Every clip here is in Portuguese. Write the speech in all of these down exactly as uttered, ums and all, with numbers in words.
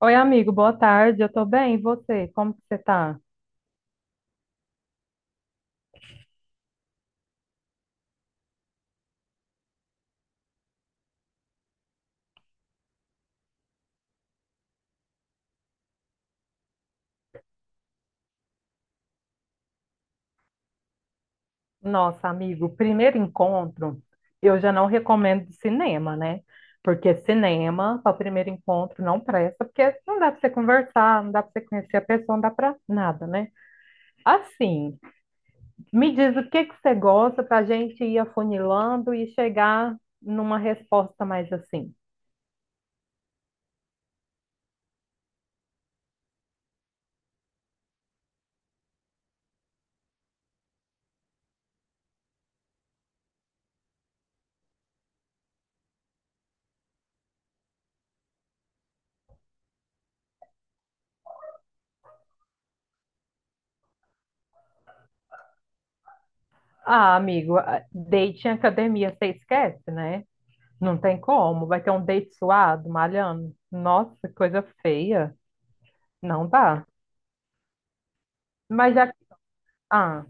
Oi, amigo, boa tarde. Eu tô bem, e você? Como que você tá? Nossa, amigo, primeiro encontro, eu já não recomendo de cinema, né? Porque cinema, para o primeiro encontro, não presta, porque não dá para você conversar, não dá para você conhecer a pessoa, não dá para nada, né? Assim, me diz o que que você gosta para a gente ir afunilando e chegar numa resposta mais assim. Ah, amigo, a- date em academia, você esquece, né? Não tem como. Vai ter um date suado, malhando. Nossa, coisa feia. Não dá. Mas já. Ah,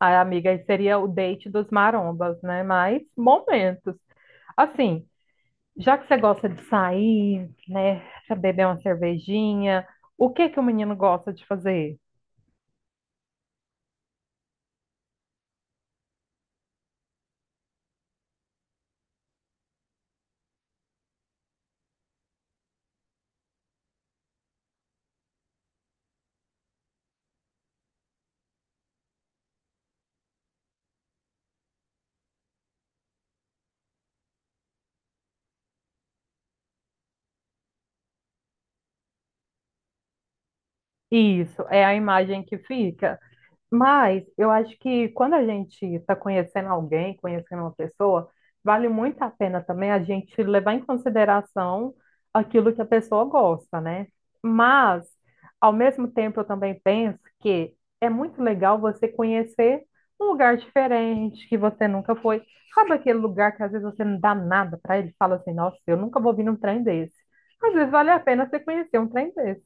a amiga, aí seria o date dos marombas, né? Mas momentos. Assim, já que você gosta de sair, né? Pra beber uma cervejinha, o que que o menino gosta de fazer? Isso, é a imagem que fica. Mas eu acho que quando a gente está conhecendo alguém, conhecendo uma pessoa, vale muito a pena também a gente levar em consideração aquilo que a pessoa gosta, né? Mas, ao mesmo tempo, eu também penso que é muito legal você conhecer um lugar diferente que você nunca foi. Sabe aquele lugar que às vezes você não dá nada para ele, fala assim, nossa, eu nunca vou vir num trem desse. Às vezes vale a pena você conhecer um trem desse.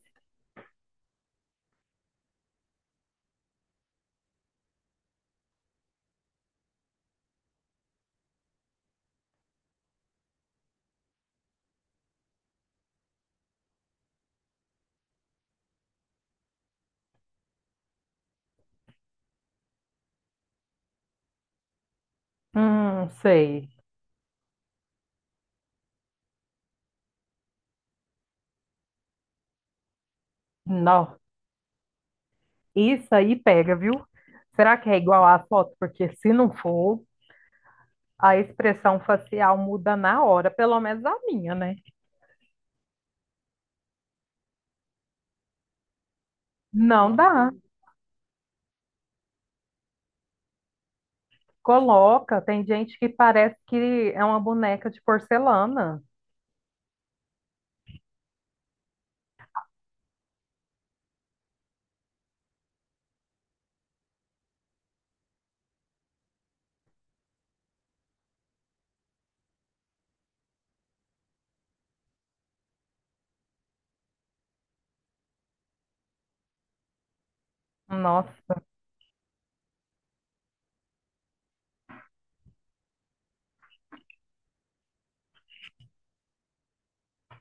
Hum, sei. Não. Isso aí pega, viu? Será que é igual à foto? Porque se não for, a expressão facial muda na hora, pelo menos a minha, né? Não dá. Coloca, tem gente que parece que é uma boneca de porcelana. Nossa,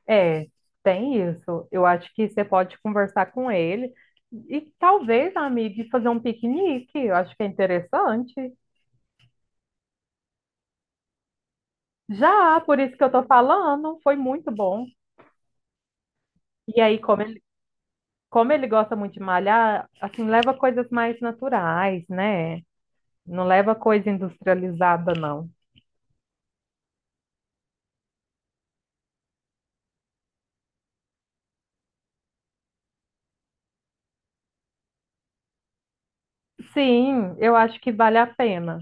é, tem isso. Eu acho que você pode conversar com ele e talvez, amiga, e fazer um piquenique. Eu acho que é interessante. Já, por isso que eu tô falando, foi muito bom. E aí, como como ele gosta muito de malhar, assim, leva coisas mais naturais, né? Não leva coisa industrializada, não. Sim, eu acho que vale a pena.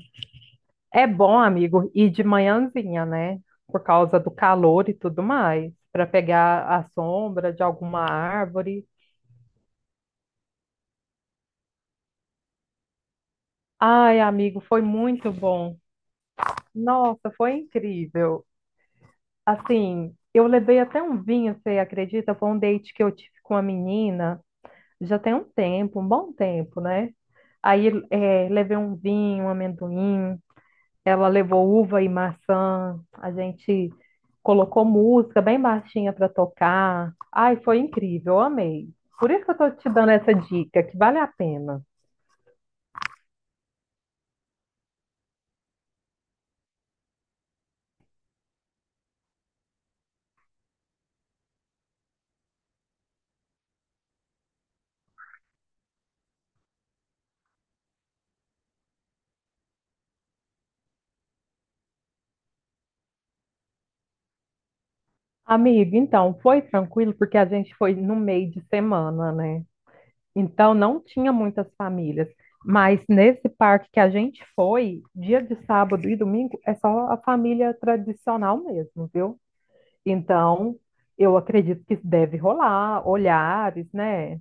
É bom, amigo, ir de manhãzinha, né? Por causa do calor e tudo mais, para pegar a sombra de alguma árvore. Ai, amigo, foi muito bom. Nossa, foi incrível. Assim, eu levei até um vinho, você acredita? Foi um date que eu tive com uma menina. Já tem um tempo, um bom tempo, né? Aí eh, levei um vinho, um amendoim, ela levou uva e maçã, a gente colocou música bem baixinha para tocar. Ai, foi incrível, eu amei. Por isso que eu tô te dando essa dica, que vale a pena. Amigo, então, foi tranquilo porque a gente foi no meio de semana, né? Então não tinha muitas famílias, mas nesse parque que a gente foi, dia de sábado e domingo, é só a família tradicional mesmo, viu? Então eu acredito que deve rolar olhares, né?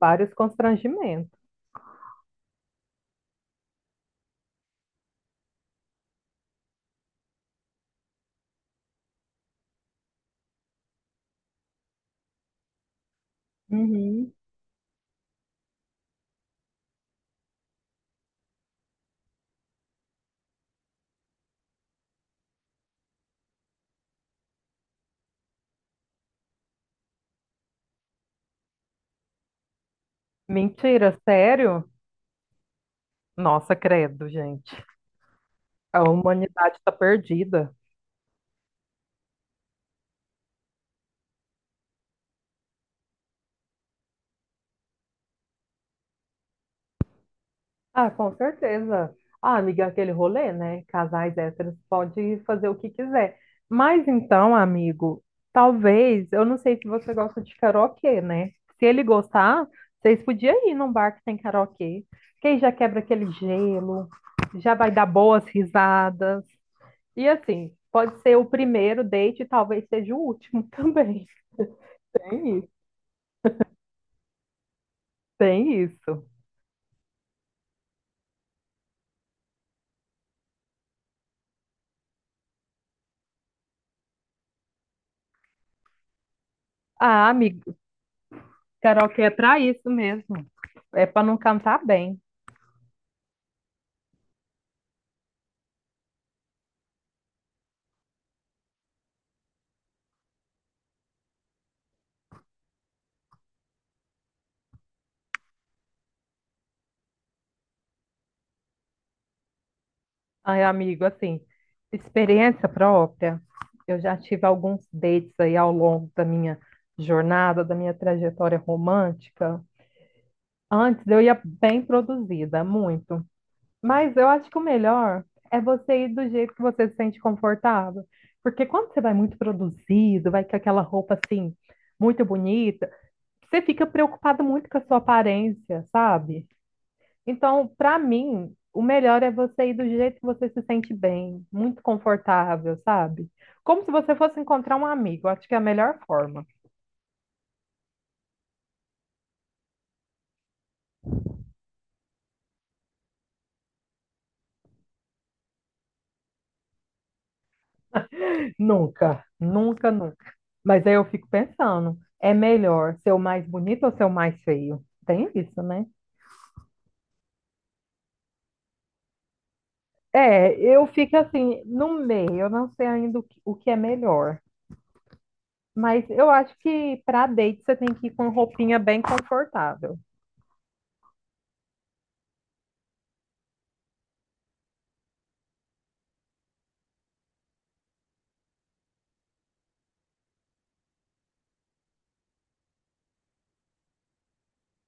Vários constrangimentos. Uhum. Mentira, sério? Nossa, credo, gente. A humanidade está perdida. Ah, com certeza. Ah, amiga, aquele rolê, né? Casais héteros pode fazer o que quiser. Mas então, amigo, talvez, eu não sei se você gosta de karaokê, né? Se ele gostar, vocês podiam ir num bar que tem karaokê. Que aí já quebra aquele gelo, já vai dar boas risadas. E assim, pode ser o primeiro date e talvez seja o último também. Tem isso. Tem isso. Ah, amigo, karaokê é pra isso mesmo. É pra não cantar bem. Ai, amigo, assim, experiência própria, eu já tive alguns dates aí ao longo da minha jornada, da minha trajetória romântica. Antes eu ia bem produzida, muito. Mas eu acho que o melhor é você ir do jeito que você se sente confortável. Porque quando você vai muito produzido, vai com aquela roupa assim, muito bonita, você fica preocupado muito com a sua aparência, sabe? Então, para mim, o melhor é você ir do jeito que você se sente bem, muito confortável, sabe? Como se você fosse encontrar um amigo. Acho que é a melhor forma. Nunca, nunca, nunca. Mas aí eu fico pensando, é melhor ser o mais bonito ou ser o mais feio? Tem isso, né? É, eu fico assim, no meio, eu não sei ainda o que, o que é melhor. Mas eu acho que para date você tem que ir com roupinha bem confortável.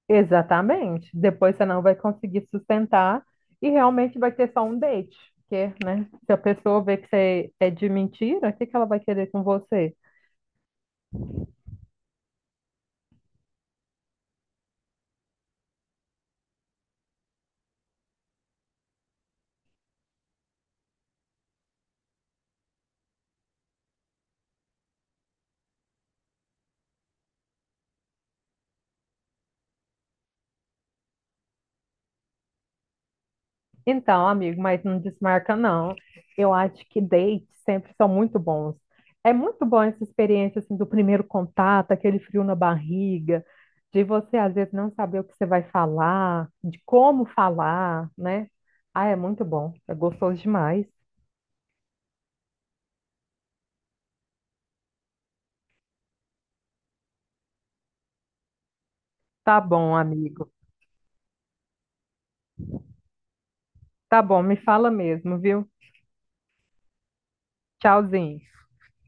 Exatamente. Depois você não vai conseguir sustentar e realmente vai ter só um date. Porque, né? Se a pessoa vê que você é de mentira, o que que ela vai querer com você? Então, amigo, mas não desmarca, não. Eu acho que dates sempre são muito bons. É muito bom essa experiência assim, do primeiro contato, aquele frio na barriga, de você às vezes não saber o que você vai falar, de como falar, né? Ah, é muito bom. É gostoso demais. Tá bom, amigo. Tá bom, me fala mesmo, viu? Tchauzinho.